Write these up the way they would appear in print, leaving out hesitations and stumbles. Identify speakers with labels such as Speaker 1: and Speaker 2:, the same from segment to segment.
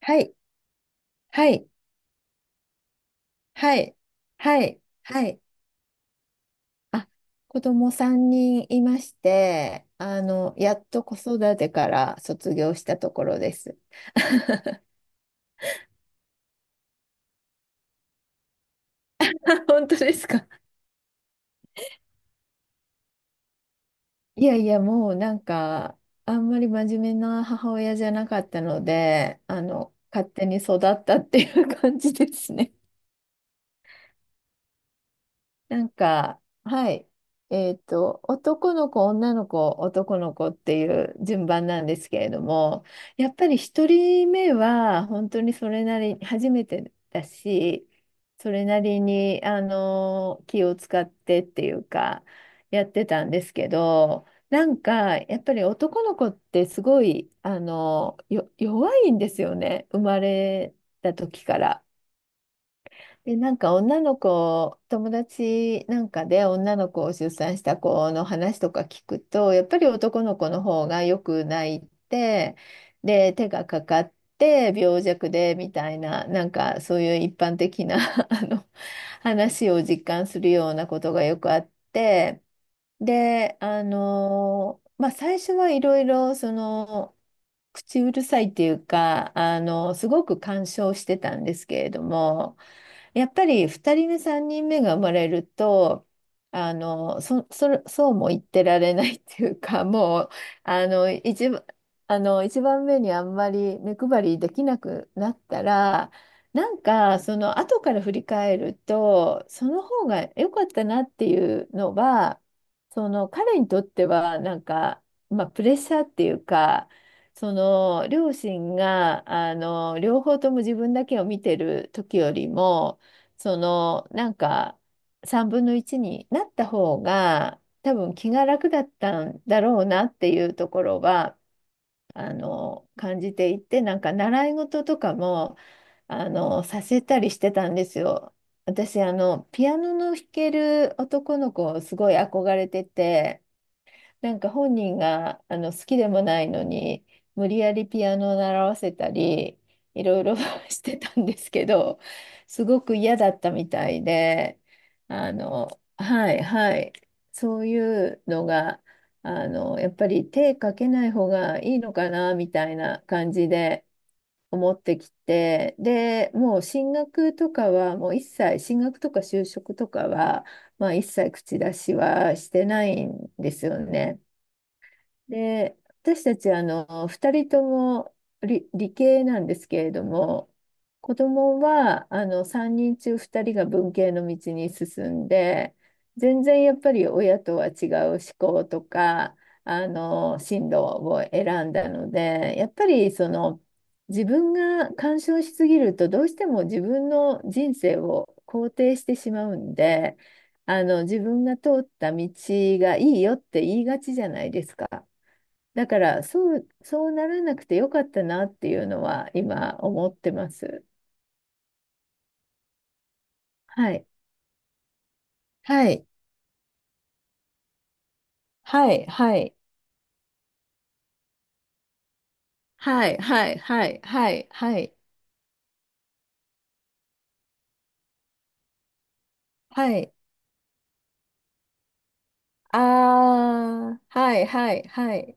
Speaker 1: はい、はい、はい、はい、はい。あ、子供3人いまして、やっと子育てから卒業したところです。本当ですか？いやいや、もうあんまり真面目な母親じゃなかったので、勝手に育ったっていう感じですね。はい。男の子、女の子、男の子っていう順番なんですけれども、やっぱり一人目は本当にそれなり、初めてだし、それなりに、気を使ってっていうか、やってたんですけど、やっぱり男の子ってすごい、弱いんですよね、生まれた時から。で、女の子、友達なんかで女の子を出産した子の話とか聞くと、やっぱり男の子の方がよく泣いて、で、手がかかって病弱でみたいな、そういう一般的な あの話を実感するようなことがよくあって、で、まあ最初はいろいろ口うるさいっていうか、すごく干渉してたんですけれども、やっぱり2人目、3人目が生まれると、そうも言ってられないっていうか、もう、あの、一番、一番目にあんまり目配りできなくなったら、後から振り返ると、その方が良かったなっていうのは、その、彼にとっては、まあ、プレッシャーっていうか、その両親が両方とも自分だけを見てる時よりも、そのなんか3分の1になった方が多分気が楽だったんだろうなっていうところは感じていて、習い事とかもさせたりしてたんですよ。私ピアノの弾ける男の子をすごい憧れてて。本人が好きでもないのに無理やりピアノを習わせたり、いろいろ してたんですけど、すごく嫌だったみたいで、あのはいはい、そういうのが、やっぱり手かけない方がいいのかなみたいな感じで思ってきて、で、もう進学とか就職とかは、まあ、一切口出しはしてないんですよね。で、私たち、二人とも理系なんですけれども、子供は、三人中二人が文系の道に進んで、全然やっぱり親とは違う思考とか、進路を選んだので、やっぱり、その、自分が干渉しすぎると、どうしても自分の人生を肯定してしまうんで、自分が通った道がいいよって言いがちじゃないですか。だから、そうならなくてよかったなっていうのは今思ってます。はい。はい、はい、はい、はい、はい、はい、はい、はい、はい、ああ、はい、はい、はい、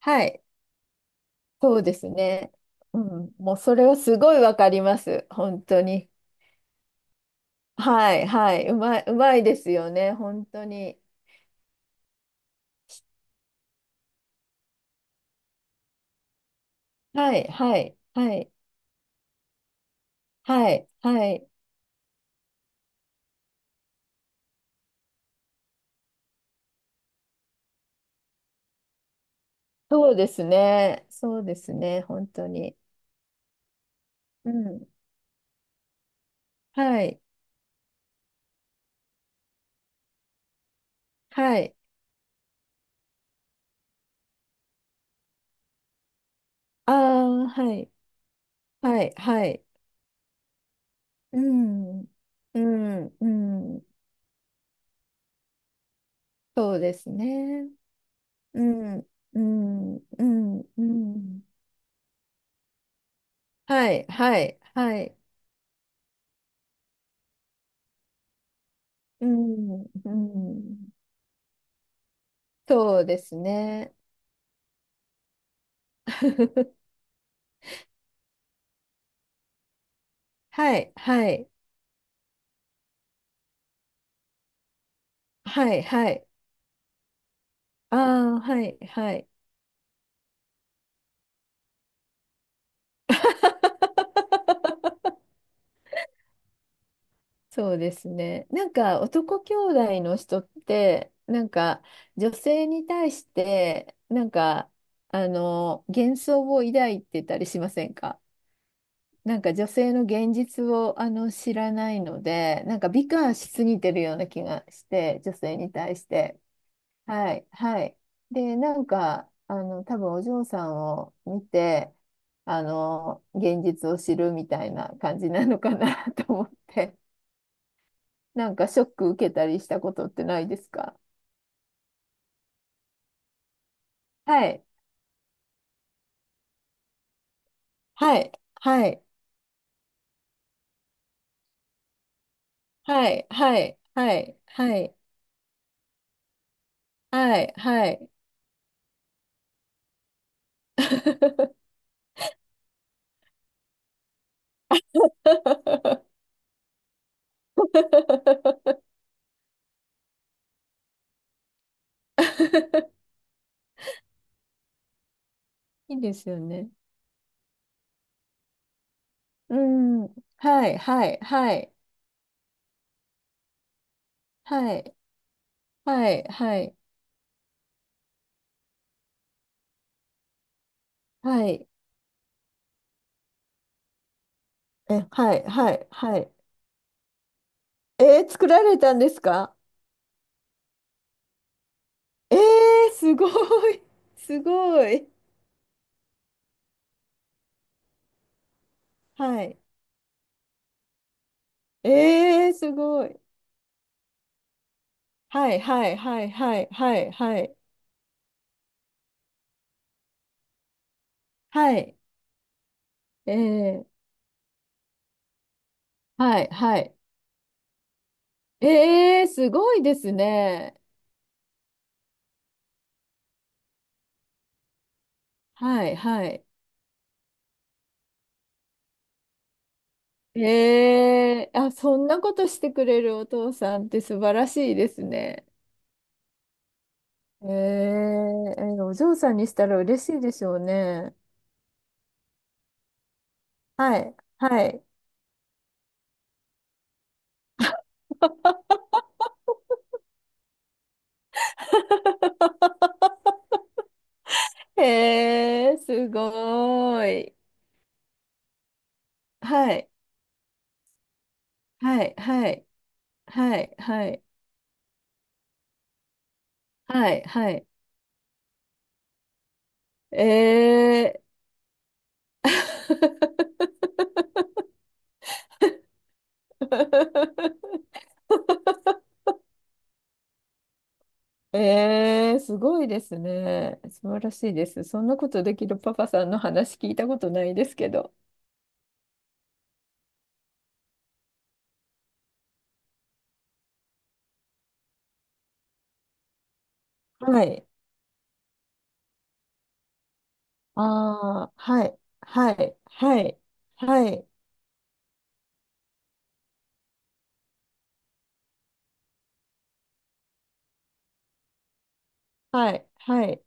Speaker 1: はい、そうですね。うん、もうそれはすごいわかります、本当に。はい、はい、うまい、うまいですよね、本当に。はい、はい、はい、はい、はい、そうですね、そうですね、本当に。うん、はい。はい。ああ、はい。はい。はい。うん。うん。うん。そうですね。うん。うん。うん。うん。はい。はい。はい。うん。うん。そうですね。はい。はい。はい。はい。ああ、はい。はい。そうですね。男兄弟の人って女性に対して幻想を抱いてたりしませんか？女性の現実を知らないので、美化しすぎてるような気がして、女性に対して。はいはい、で、多分お嬢さんを見てあの現実を知るみたいな感じなのかな と思って。ショック受けたりしたことってないですか？はい。はい、はい、はい、はい、はい、はい、はい、はい。いいですよね。うん。はい、はい、はい、はい、はい、はい、はい、え、はい、はい、はい。えー、作られたんですか？えー、すごい、すごい。はい。えー、すごい。はい、はい、はい、はい、はい、はい。はい。ええ、はい、はい。ええ、すごいですね。はい、はい。ええ、あ、そんなことしてくれるお父さんって素晴らしいですね。ええ、ええ、お嬢さんにしたら嬉しいでしょうね。はい、はい。ええ、すごい。はい、はい、はい、はい、はい、はい、はい。ええ、 えー、すごいですね。素晴らしいです。そんなことできるパパさんの話聞いたことないですけど。はい。ああ、はい。はい。はい。はい。はい。はい。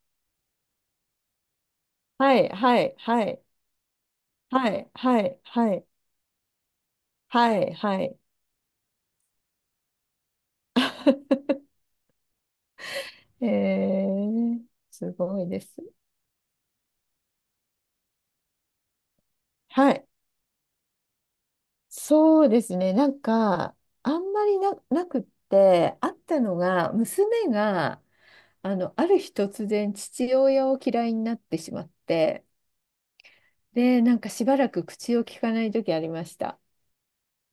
Speaker 1: はい。はい。はい。はい。はい。はい。はい。はい。えー、すごいです。はい。そうですね。あんまりなくって、あったのが、娘が、ある日突然父親を嫌いになってしまって、で、しばらく口を聞かない時ありました。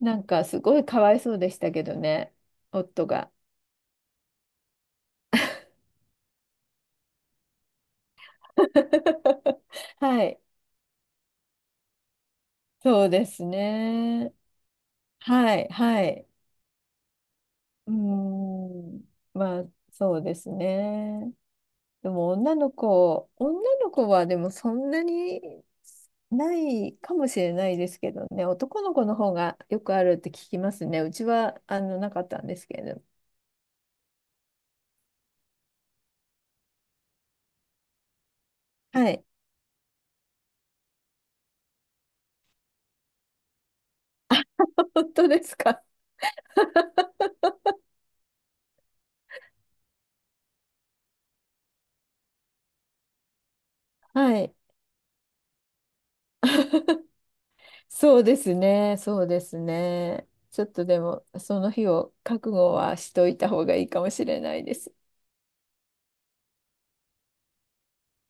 Speaker 1: すごいかわいそうでしたけどね、夫が。はい、そうですね。はい、はい。うーん、まあ、そうですね。でも女の子はでもそんなにないかもしれないですけどね、男の子の方がよくあるって聞きますね。うちはなかったんですけれど。はい。本当ですか？はい。そうですね、そうですね。ちょっとでも、その日を覚悟はしといた方がいいかもしれないです。